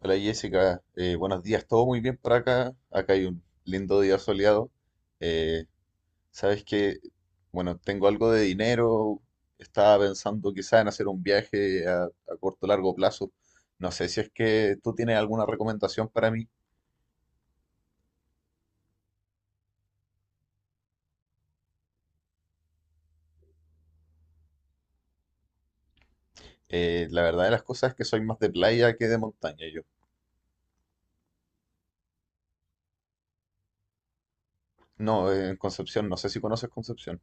Hola Jessica, buenos días, todo muy bien por acá. Acá hay un lindo día soleado. Eh, sabes que, bueno, tengo algo de dinero. Estaba pensando quizá en hacer un viaje a corto o largo plazo. No sé si es que tú tienes alguna recomendación para mí. La verdad de las cosas es que soy más de playa que de montaña yo. No, en Concepción, no sé si conoces Concepción.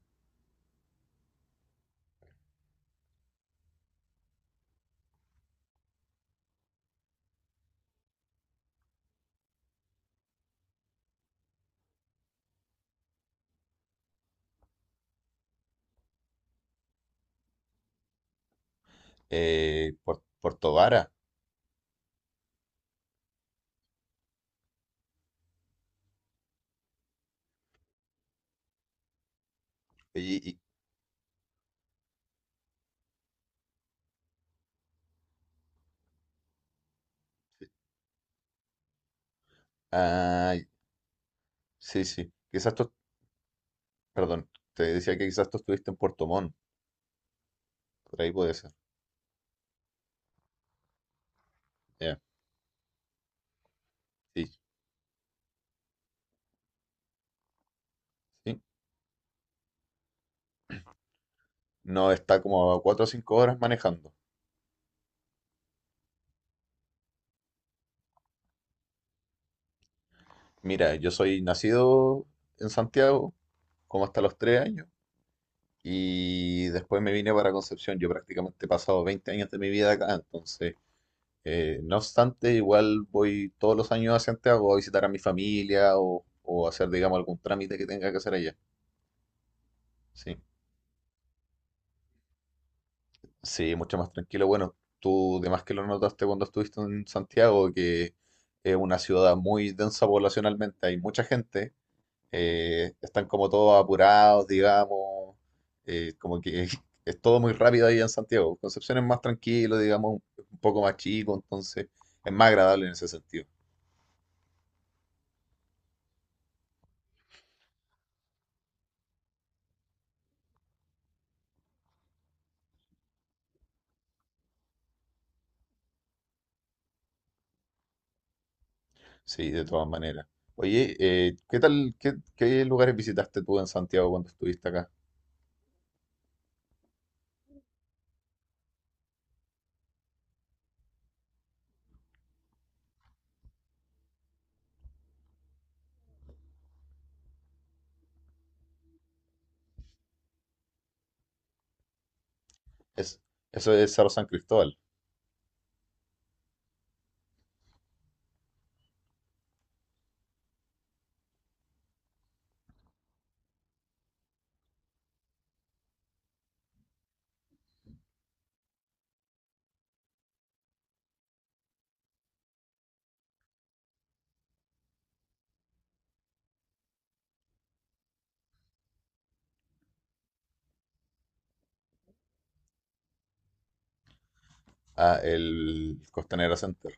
Puerto Vara. Y, y- Ay, sí. Quizás tú, perdón, te decía que quizás tú estuviste en Puerto Montt. Por ahí puede ser. Ya, Sí, sí. No está como a 4 o 5 horas manejando. Mira, yo soy nacido en Santiago, como hasta los 3 años, y después me vine para Concepción. Yo prácticamente he pasado 20 años de mi vida acá, entonces, no obstante, igual voy todos los años a Santiago a visitar a mi familia o hacer, digamos, algún trámite que tenga que hacer allá. Sí. Sí, mucho más tranquilo. Bueno, tú de más que lo notaste cuando estuviste en Santiago, que es una ciudad muy densa poblacionalmente, hay mucha gente, están como todos apurados, digamos, como que es todo muy rápido ahí en Santiago. Concepción es más tranquilo, digamos, un poco más chico, entonces es más agradable en ese sentido. Sí, de todas maneras. Oye, ¿qué tal, qué, qué lugares visitaste tú en Santiago cuando estuviste acá? Es, eso es Cerro San Cristóbal, ah, el Costanera Center.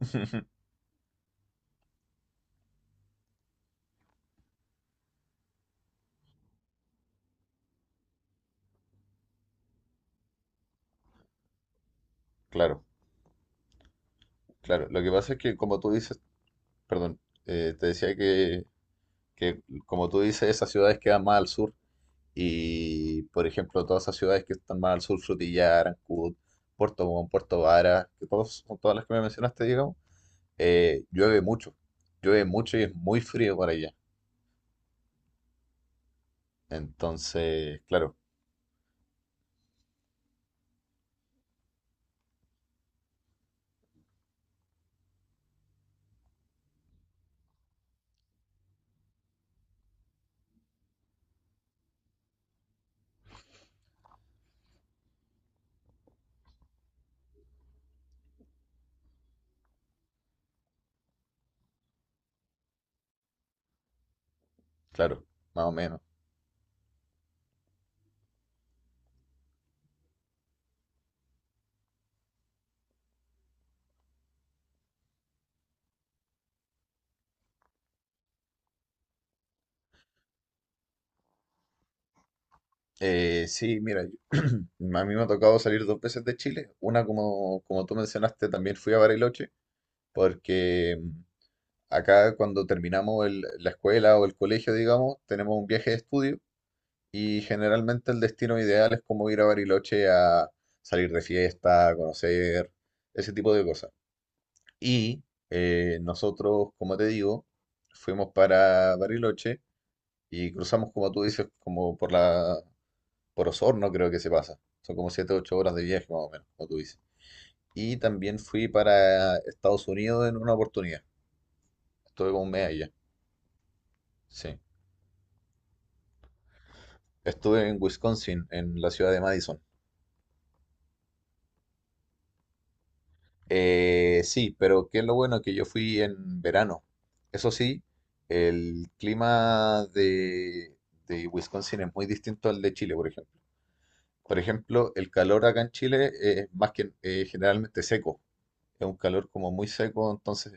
Claro, claro. Lo que pasa es que, como tú dices, perdón, te decía que, como tú dices, esas ciudades quedan más al sur y, por ejemplo, todas esas ciudades que están más al sur, Frutillar, Arancudo, Puerto Montt, Puerto Vara, que todos, son todas las que me mencionaste, digamos, eh, llueve mucho, llueve mucho y es muy frío por allá. Entonces, claro, claro, más o menos. Sí, mira, yo- a mí me ha tocado salir 2 veces de Chile. Una, como, como tú mencionaste, también fui a Bariloche. Porque acá cuando terminamos el- la escuela o el colegio, digamos, tenemos un viaje de estudio y generalmente el destino ideal es como ir a Bariloche a salir de fiesta, a conocer, ese tipo de cosas. Y nosotros, como te digo, fuimos para Bariloche y cruzamos, como tú dices, como por por Osorno creo que se pasa. Son como 7 u 8 horas de viaje más o menos, como tú dices. Y también fui para Estados Unidos en una oportunidad. Estuve como un mes allá. Sí. Estuve en Wisconsin, en la ciudad de Madison. Sí, pero qué es lo bueno que yo fui en verano. Eso sí, el clima de Wisconsin es muy distinto al de Chile, por ejemplo. Por ejemplo, el calor acá en Chile es más que generalmente seco. Es un calor como muy seco, entonces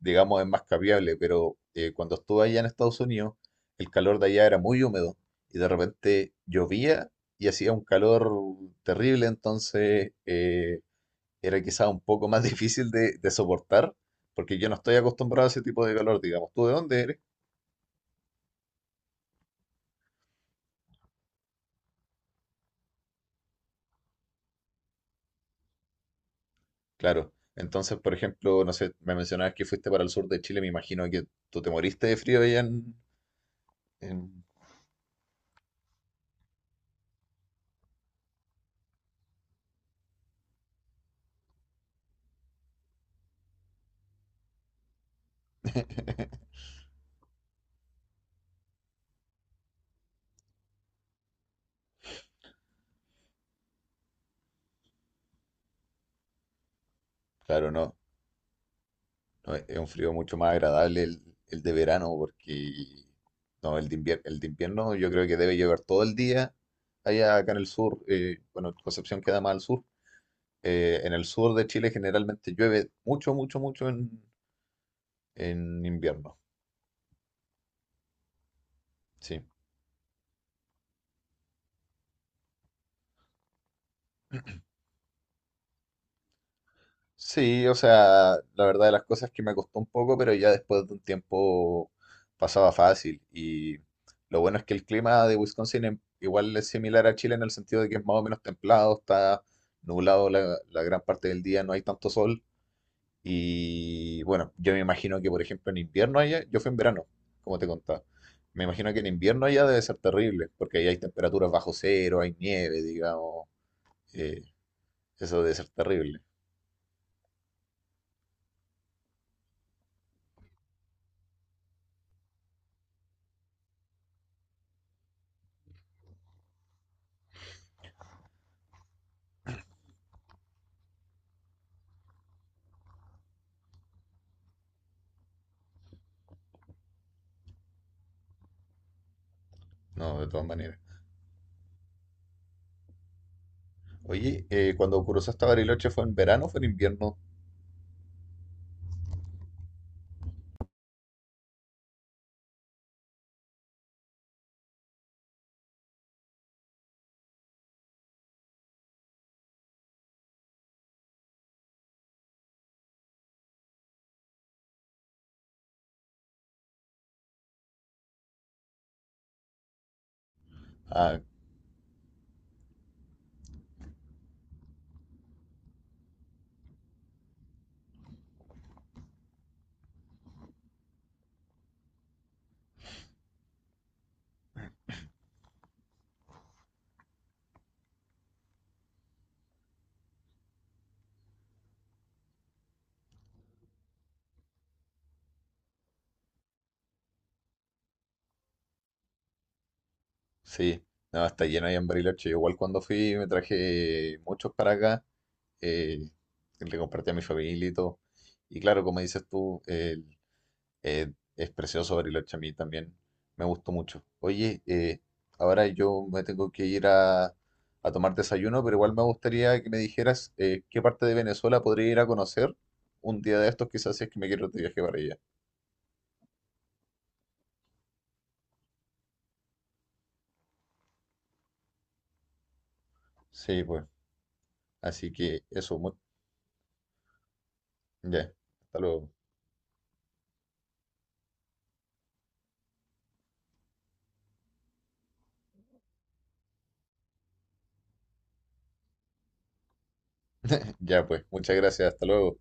digamos es más capiable, pero cuando estuve allá en Estados Unidos, el calor de allá era muy húmedo y de repente llovía y hacía un calor terrible, entonces era quizá un poco más difícil de soportar, porque yo no estoy acostumbrado a ese tipo de calor, digamos, ¿tú de dónde eres? Claro. Entonces, por ejemplo, no sé, me mencionabas que fuiste para el sur de Chile, me imagino que tú te moriste de frío allá en- Claro, no. No, es un frío mucho más agradable el de verano porque no, el de invier- el de invierno yo creo que debe llover todo el día allá acá en el sur. Bueno, Concepción queda más al sur. En el sur de Chile generalmente llueve mucho, mucho, mucho en invierno. Sí. Sí, o sea, la verdad de las cosas es que me costó un poco, pero ya después de un tiempo pasaba fácil. Y lo bueno es que el clima de Wisconsin igual es similar a Chile en el sentido de que es más o menos templado, está nublado la gran parte del día, no hay tanto sol. Y bueno, yo me imagino que, por ejemplo, en invierno allá, yo fui en verano, como te contaba. Me imagino que en invierno allá debe ser terrible, porque ahí hay temperaturas bajo cero, hay nieve, digamos. eh, Eso debe ser terrible, ¿no? De todas maneras. Oye, ¿cuando cruzó hasta Bariloche fue en verano o fue en invierno? Ah, sí, no, está lleno ahí en Bariloche. Yo igual cuando fui me traje muchos para acá, eh, le compartí a mi familia y todo. Y claro, como dices tú, es precioso Bariloche a mí también, me gustó mucho. Oye, ahora yo me tengo que ir a tomar desayuno, pero igual me gustaría que me dijeras qué parte de Venezuela podría ir a conocer un día de estos, quizás si es que me quiero de viaje para allá. Sí, pues. Así que eso, mu- ya, hasta luego. Ya pues, muchas gracias, hasta luego.